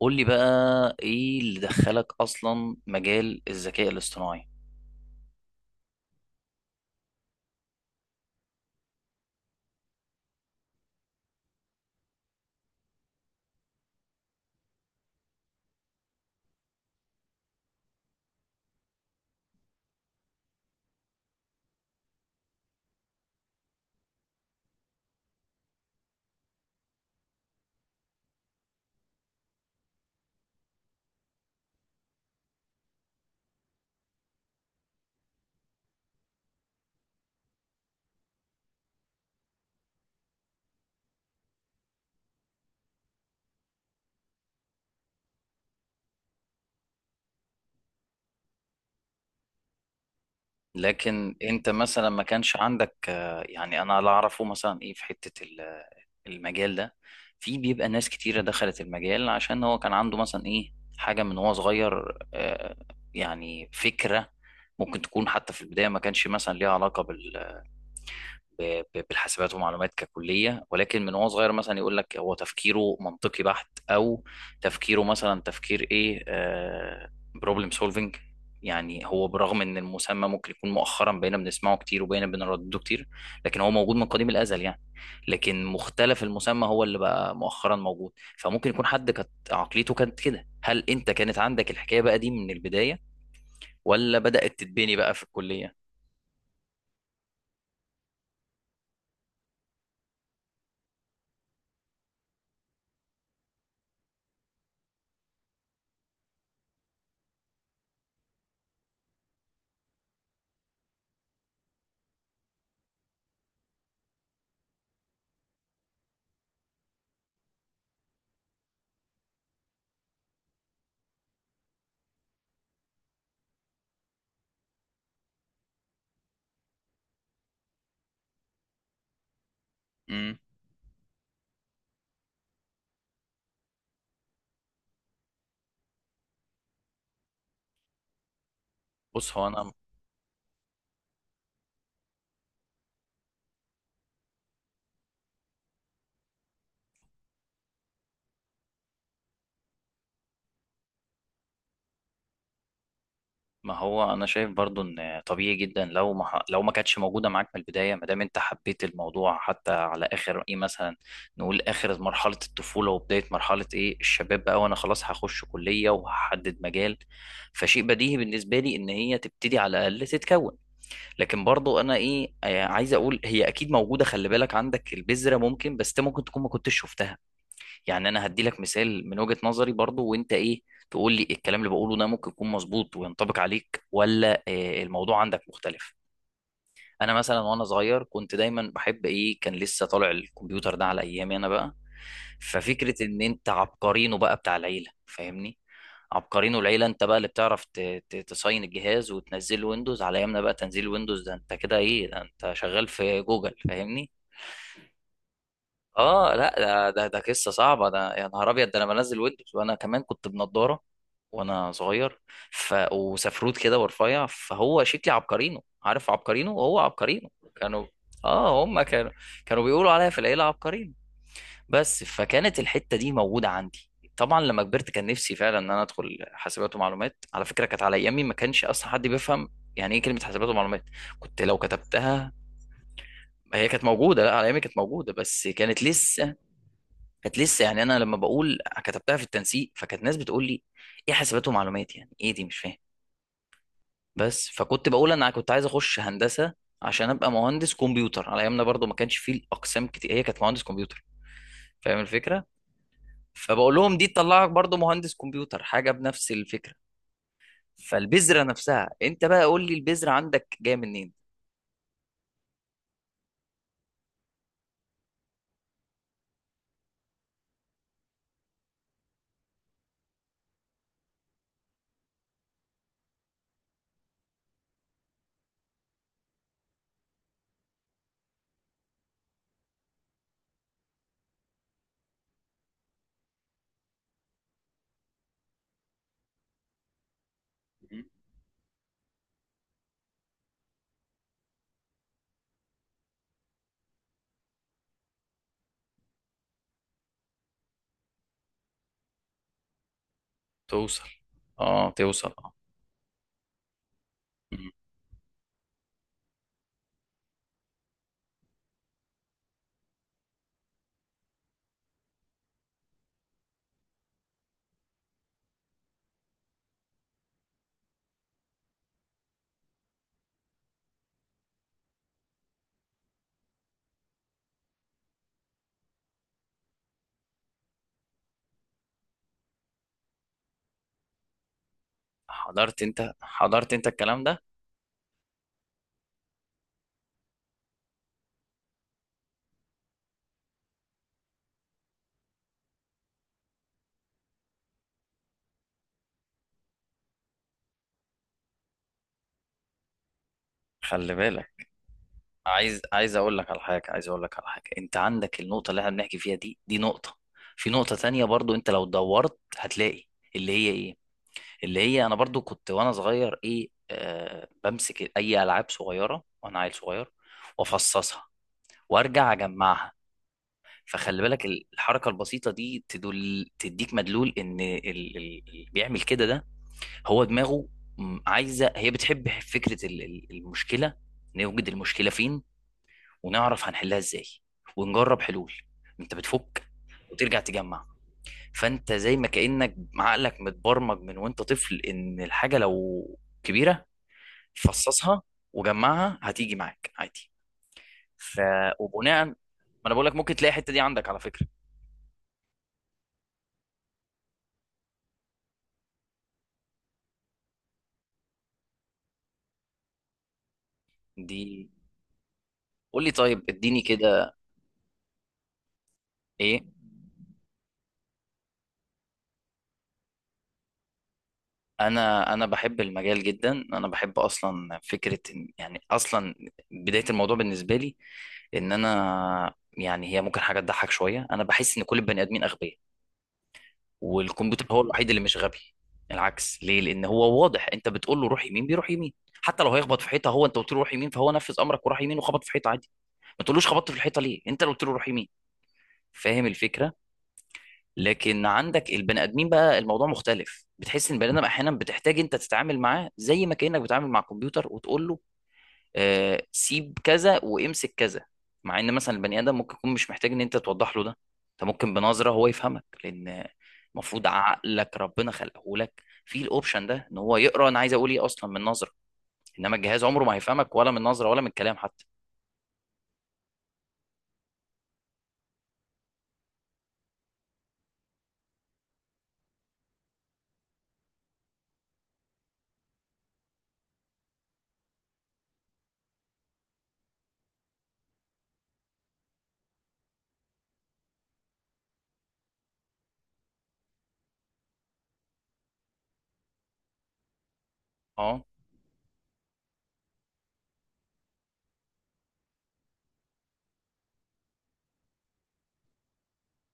قول لي بقى، ايه اللي دخلك اصلا مجال الذكاء الاصطناعي؟ لكن انت مثلا ما كانش عندك يعني انا لا اعرفه مثلا ايه في حتة المجال ده. في بيبقى ناس كتيرة دخلت المجال عشان هو كان عنده مثلا ايه حاجة من هو صغير، يعني فكرة ممكن تكون حتى في البداية ما كانش مثلا ليها علاقة بالحاسبات ومعلومات ككلية، ولكن من وهو صغير مثلا يقول لك هو تفكيره منطقي بحت أو تفكيره مثلا تفكير إيه؟ بروبلم سولفنج. يعني هو برغم ان المسمى ممكن يكون مؤخرا بقينا بنسمعه كتير وبقينا بنردده كتير، لكن هو موجود من قديم الازل يعني. لكن مختلف، المسمى هو اللي بقى مؤخرا موجود. فممكن يكون حد كانت عقليته كانت كده. هل انت كانت عندك الحكايه بقى دي من البدايه ولا بدات تتبني بقى في الكليه؟ امم. بص هو انا، ما هو انا شايف برضو ان طبيعي جدا لو ما ح- لو ما كانتش موجوده معاك من البدايه، ما دام انت حبيت الموضوع حتى على اخر ايه مثلا، نقول اخر مرحله الطفوله وبدايه مرحله ايه الشباب بقى، وانا خلاص هخش كليه وهحدد مجال. فشيء بديهي بالنسبه لي ان هي تبتدي على الاقل تتكون. لكن برضو انا ايه، عايز اقول هي اكيد موجوده. خلي بالك عندك البذره ممكن، بس انت ممكن تكون ما كنتش شفتها. يعني انا هدي لك مثال من وجهة نظري برضو، وانت ايه تقول لي الكلام اللي بقوله ده ممكن يكون مظبوط وينطبق عليك، ولا الموضوع عندك مختلف. انا مثلا وانا صغير كنت دايما بحب ايه، كان لسه طالع الكمبيوتر ده على ايامي انا بقى. ففكرة ان انت عبقرينه بقى بتاع العيلة، فاهمني؟ عبقرينه العيلة انت بقى، اللي بتعرف تصين الجهاز وتنزل ويندوز. على ايامنا بقى تنزيل ويندوز ده انت كده ايه، ده انت شغال في جوجل، فاهمني؟ اه لا، ده قصه صعبه ده، يا نهار ابيض، ده انا بنزل ويندوز وانا كمان كنت بنضاره وانا صغير. ف وسفروت كده ورفيع، فهو شكلي عبقرينو، عارف عبقرينو؟ هو عبقرينو. كانوا، اه هم كانوا، بيقولوا عليا في العيله عبقرينو بس. فكانت الحته دي موجوده عندي. طبعا لما كبرت كان نفسي فعلا ان انا ادخل حاسبات ومعلومات. على فكره كانت على ايامي ما كانش اصلا حد بيفهم يعني ايه كلمه حاسبات ومعلومات. كنت لو كتبتها، هي كانت موجوده، لا على ايامي كانت موجوده بس كانت لسه، كانت لسه يعني. انا لما بقول كتبتها في التنسيق، فكانت ناس بتقول لي ايه حاسبات ومعلومات؟ يعني ايه دي؟ مش فاهم. بس فكنت بقول انا كنت عايز اخش هندسه عشان ابقى مهندس كمبيوتر. على ايامنا برضو ما كانش فيه الاقسام كتير، هي كانت مهندس كمبيوتر، فاهم الفكره؟ فبقول لهم دي تطلعك برضو مهندس كمبيوتر، حاجه بنفس الفكره. فالبذره نفسها، انت بقى قول لي البذره عندك جايه منين؟ توصل، اه توصل اه. مم. حضرت انت، حضرت انت الكلام ده. خلي بالك، عايز، عايز اقول لك على حاجه عايز اقول لك على حاجه. انت عندك النقطه اللي احنا بنحكي فيها دي، دي نقطه. في نقطه تانية برضو انت لو دورت هتلاقي، اللي هي ايه، اللي هي انا برضو كنت وانا صغير ايه آه، بمسك اي العاب صغيره وانا عيل صغير وافصصها وارجع اجمعها. فخلي بالك الحركه البسيطه دي تدل، تديك مدلول ان اللي بيعمل كده ده هو دماغه عايزه، هي بتحب فكره المشكله. نوجد المشكله فين ونعرف هنحلها ازاي ونجرب حلول. انت بتفك وترجع تجمع. فانت زي ما كأنك عقلك متبرمج من وانت طفل ان الحاجة لو كبيرة فصصها وجمعها هتيجي معاك عادي. ف وبناء ما، انا بقول لك ممكن تلاقي الحتة دي عندك على فكرة دي. قول لي طيب، اديني كده ايه. انا بحب المجال جدا، انا بحب اصلا فكرة إن- يعني اصلا بداية الموضوع بالنسبة لي، ان انا يعني هي ممكن حاجه تضحك شويه، انا بحس ان كل البني ادمين اغبياء والكمبيوتر هو الوحيد اللي مش غبي. العكس، ليه؟ لان هو واضح، انت بتقول له روح يمين بيروح يمين. حتى لو هيخبط في حيطه، هو انت قلت له روح يمين، فهو نفذ امرك وراح يمين وخبط في حيطه عادي. ما تقولوش خبطت في الحيطه ليه، انت اللي قلت له روح يمين. فاهم الفكره؟ لكن عندك البني ادمين بقى الموضوع مختلف، بتحس ان البني ادم احيانا بتحتاج انت تتعامل معاه زي ما كانك بتتعامل مع كمبيوتر وتقول له سيب كذا وامسك كذا. مع ان مثلا البني ادم ممكن يكون مش محتاج ان انت توضح له ده، انت ممكن بنظره هو يفهمك، لان المفروض عقلك ربنا خلقه لك في الاوبشن ده، ان هو يقرا انا عايز اقول ايه اصلا من نظره. انما الجهاز عمره ما هيفهمك، ولا من نظره ولا من كلام حتى. اه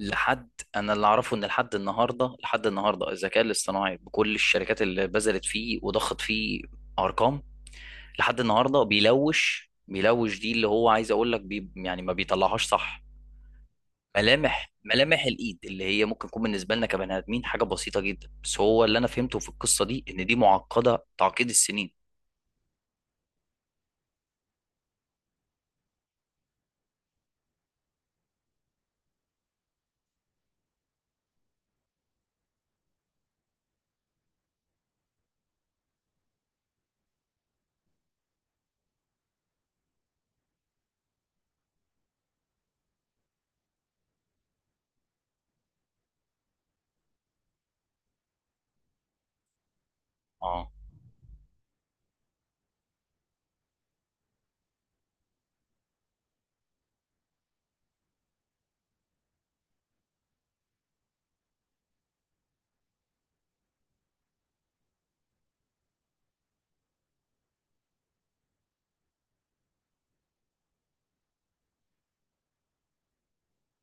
لحد، انا اللي اعرفه ان لحد النهارده، لحد النهارده الذكاء الاصطناعي بكل الشركات اللي بذلت فيه وضخت فيه ارقام، لحد النهارده بيلوش، بيلوش دي اللي هو عايز اقول لك، بي يعني ما بيطلعهاش صح. ملامح، ملامح الايد اللي هي ممكن تكون بالنسبه لنا كبني ادمين حاجه بسيطه جدا، بس هو اللي انا فهمته في القصه دي ان دي معقده تعقيد السنين. اه،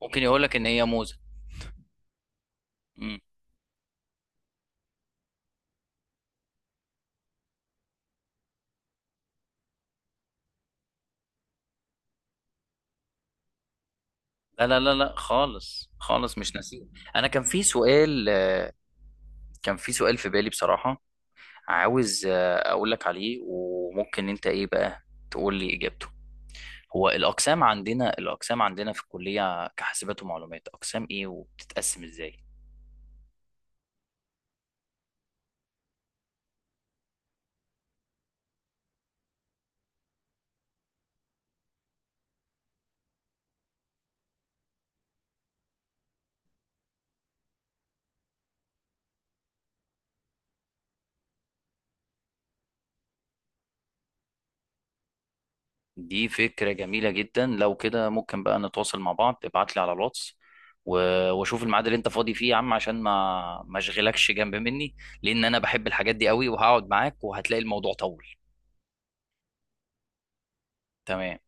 ممكن يقول لك ان هي موزه. مم. لا لا لا لا خالص، خالص مش نسيب. انا كان في سؤال، كان في سؤال في بالي بصراحه، عاوز اقول لك عليه وممكن انت ايه بقى تقول لي اجابته. هو الاقسام عندنا، الاقسام عندنا في الكليه كحاسبات ومعلومات، اقسام ايه وبتتقسم ازاي؟ دي فكرة جميلة جدا. لو كده ممكن بقى نتواصل مع بعض، ابعت لي على الواتس واشوف الميعاد اللي انت فاضي فيه يا عم، عشان ما اشغلكش جنب مني، لان انا بحب الحاجات دي قوي وهقعد معاك وهتلاقي الموضوع طول. تمام.